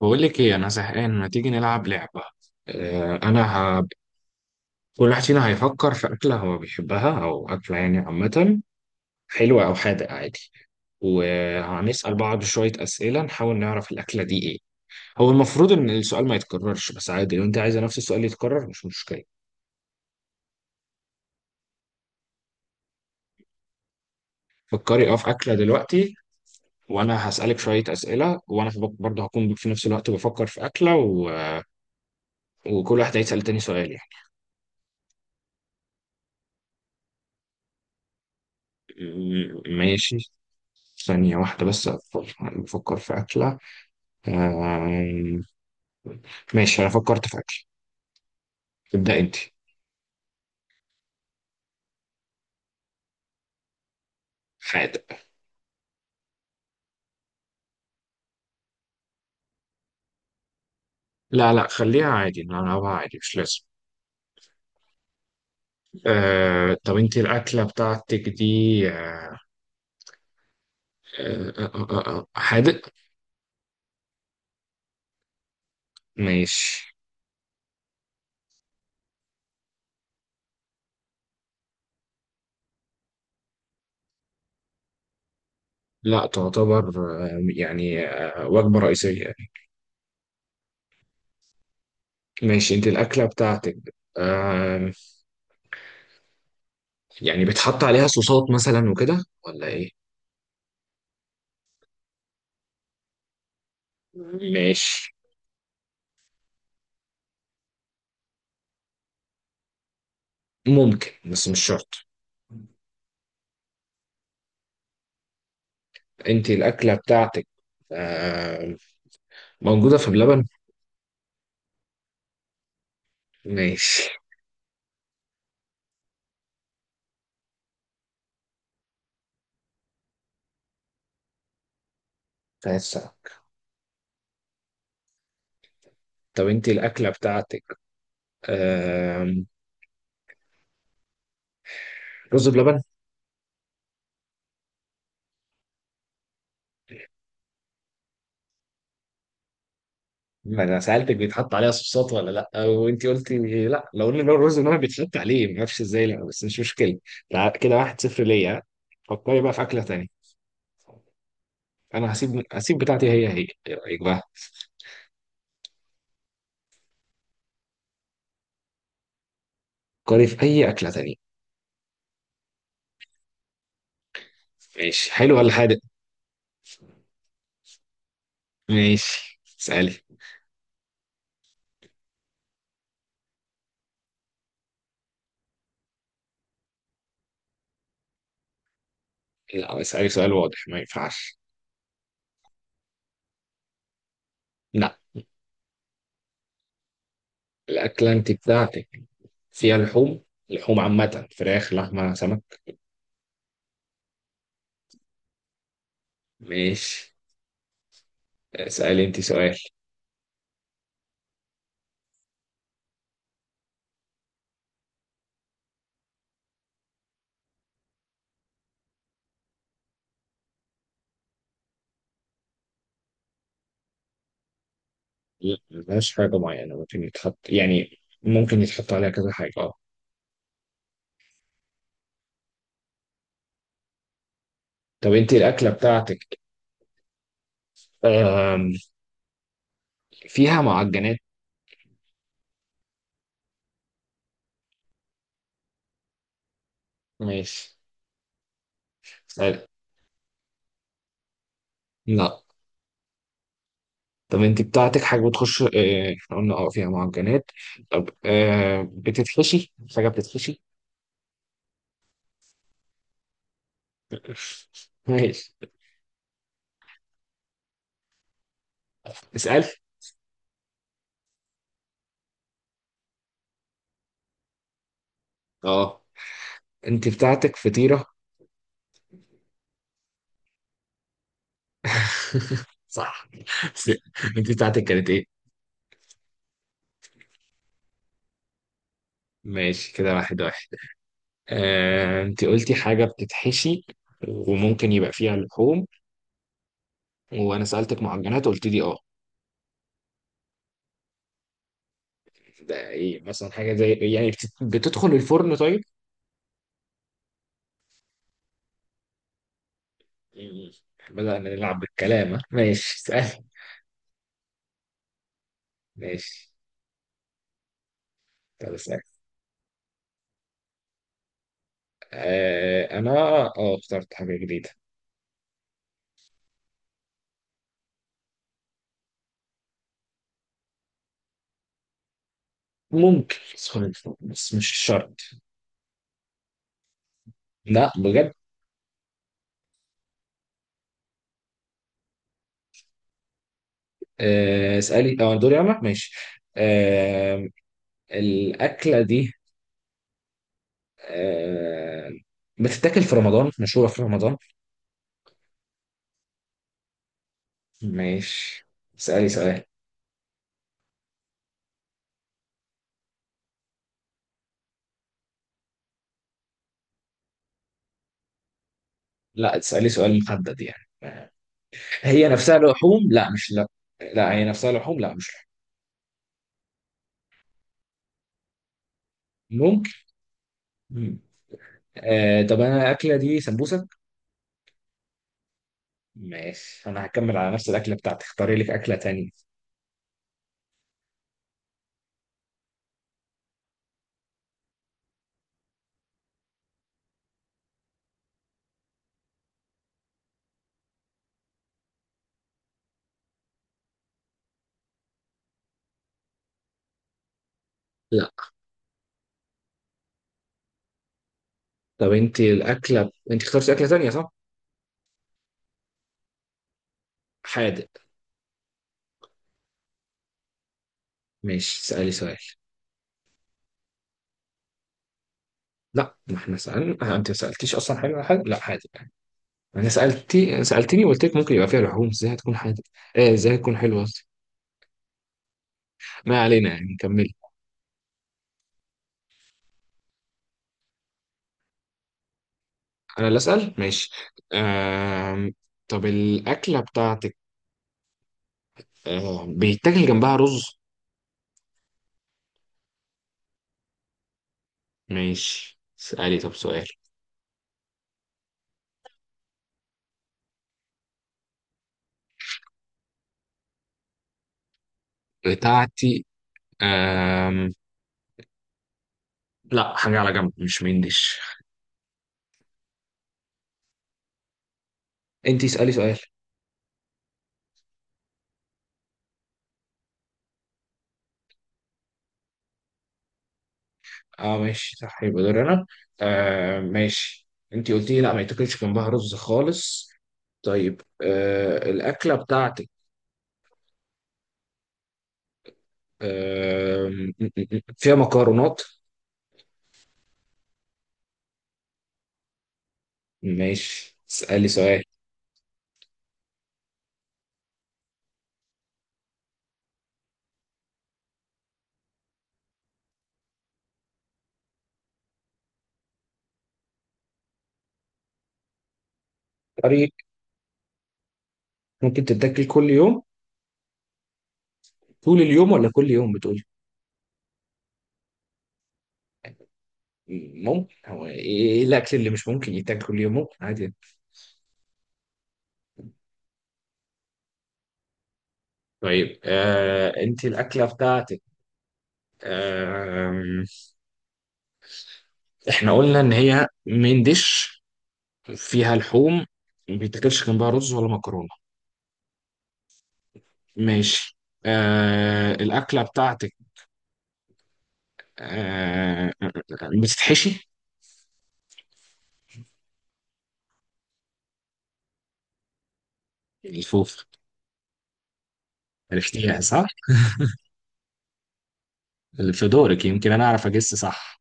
بقول لك ايه، انا زهقان، ما تيجي نلعب لعبه. آه، انا ه... كل واحد فينا هيفكر في اكله هو بيحبها او اكله يعني عامه، حلوه او حادق عادي، وهنسال بعض شويه اسئله نحاول نعرف الاكله دي ايه. هو المفروض ان السؤال ما يتكررش، بس عادي لو انت عايزه نفس السؤال يتكرر مش مشكله. فكري اه في اكله دلوقتي، وانا هسالك شويه اسئله وانا برضه هكون في نفس الوقت بفكر في اكله وكل واحد هيسال تاني سؤال يعني. ماشي. ثانية واحدة بس أفكر، أنا بفكر في أكلة. آه... ماشي، أنا فكرت في أكل. ابدأ أنت. حاجة. لا لا، خليها عادي نلعبها عادي، مش لازم. طب أنت الأكلة بتاعتك دي آه... حادق؟ ماشي. لا، تعتبر وجبة رئيسية. ماشي، أنت الأكلة بتاعتك آه... يعني بتحط عليها صوصات مثلا وكده ولا إيه؟ ماشي. ممكن بس مش شرط. انت الاكله بتاعتك، آه، موجوده في بلبن. ماشي. فاسك. طب انت الاكله بتاعتك، آه، رز بلبن. ما انا سالتك بيتحط عليها صوصات ولا لا وانت قلتي لا، لو قلنا لو الرز بلبن بيتحط عليه ما اعرفش ازاي، لا بس مش مشكله. كده واحد صفر ليا. فكري بقى في اكله تانية. انا هسيب بتاعتي هي هي، ايه رايك بقى؟ فكري في اي اكله تانية. ماشي، حلو ولا حادق؟ ماشي، اسالي. لا اسالي سؤال واضح، ما ينفعش. لا. الأكلة أنت بتاعتك فيها لحوم، لحوم عامة، فراخ، لحمة، سمك؟ ماشي، اسألي أنت سؤال. لا ملهاش حاجة معينة، ممكن يتحط، يعني ممكن يتحط عليها كذا حاجة، اه. طب أنت الأكلة بتاعتك، آم، فيها معجنات؟ ماشي، اسألي. لا. طب أنت بتاعتك حاجة بتخش، آه، إحنا قلنا اه فيها معجنات، طب آه، بتتحشي حاجة؟ بتتحشي. ماشي، اسألي. اه، أنت بتاعتك فطيرة؟ صح، بس انت بتاعتك كانت ايه؟ ماشي، كده واحد واحد. آه، انت قلتي حاجة بتتحشي وممكن يبقى فيها لحوم، وانا سألتك معجنات قلت لي اه. ده ايه مثلا، حاجة زي إيه؟ يعني بتدخل الفرن طيب؟ يعني بدأنا نلعب بالكلام، ها؟ ماشي سهل. ماشي، طب اسأل. آه انا، اه اخترت حاجة جديدة. ممكن تدخل الفرن بس مش شرط. لا بجد. آه اسألي، اه دوري انا، ماشي. آه الأكلة دي، آه، بتتاكل في رمضان، مشهورة في رمضان. ماشي، اسألي سؤال. لا، تسألي سؤال محدد يعني، هي نفسها لحوم لا مش لا. لا، هي نفسها لحوم لا، مش لحوم. ممكن. مم. آه، طب انا الأكلة دي سمبوسك. ماشي، انا هكمل على نفس الأكلة بتاعتي، اختاري لك أكلة تانية. لا. طب انت الأكلة، انت اخترتي أكلة تانية صح؟ حادق. ماشي، اسألي سؤال. لا، ما احنا سألنا، آه، انت ما سألتيش اصلا حاجة، حاجة، لا حادق. انا سالتني وقلت لك ممكن يبقى فيها لحوم، ازاي هتكون حادق؟ ايه، ازاي هتكون حلوه قصدي. ما علينا، يعني كملي. انا اللي اسال، ماشي. آم... طب الاكله بتاعتك، بيتاكل جنبها رز؟ ماشي، اسالي طب سؤال. بتاعتي، آم... لا، حاجه على جنب مش مين ديش. انت اسالي سؤال. اه ماشي صح، يبقى دور انا. ماشي، انت قلتي لي لا ما يتاكلش جنبها رز خالص. طيب الاكله بتاعتك، آم، فيها مكرونات؟ ماشي، اسألي سؤال. طريق. ممكن تتاكل كل يوم؟ طول اليوم ولا كل يوم بتقول؟ ممكن، هو ايه إيه الاكل اللي مش ممكن يتاكل كل يوم، ممكن عادي. طيب آه انت الاكله بتاعتك، آه احنا قلنا ان هي من ديش، فيها لحوم، ما بيتاكلش جنبها رز ولا مكرونه. ماشي. آه الاكله بتاعتك، بتتحشي. الفوف. عرفتيها صح؟ اللي في دورك يمكن انا اعرف اجس صح.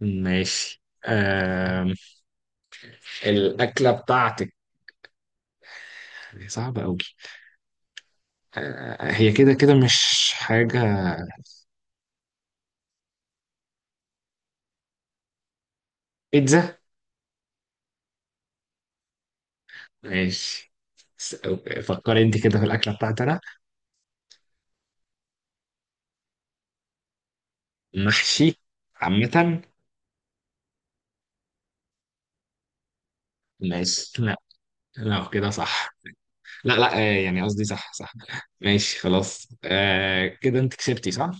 ماشي، آم، الاكله بتاعتك هي صعبه قوي، هي كده كده مش حاجه. بيتزا؟ ماشي. س- فكري انت كده في الاكله بتاعتي انا. محشي عامه. ماشي. لا لا كده صح. لا لا، آه، يعني قصدي صح صح. ماشي خلاص، آه كده انت كسبتي صح.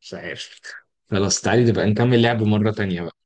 مش عارف. خلاص، تعالي نبقى نكمل لعب مره تانية بقى.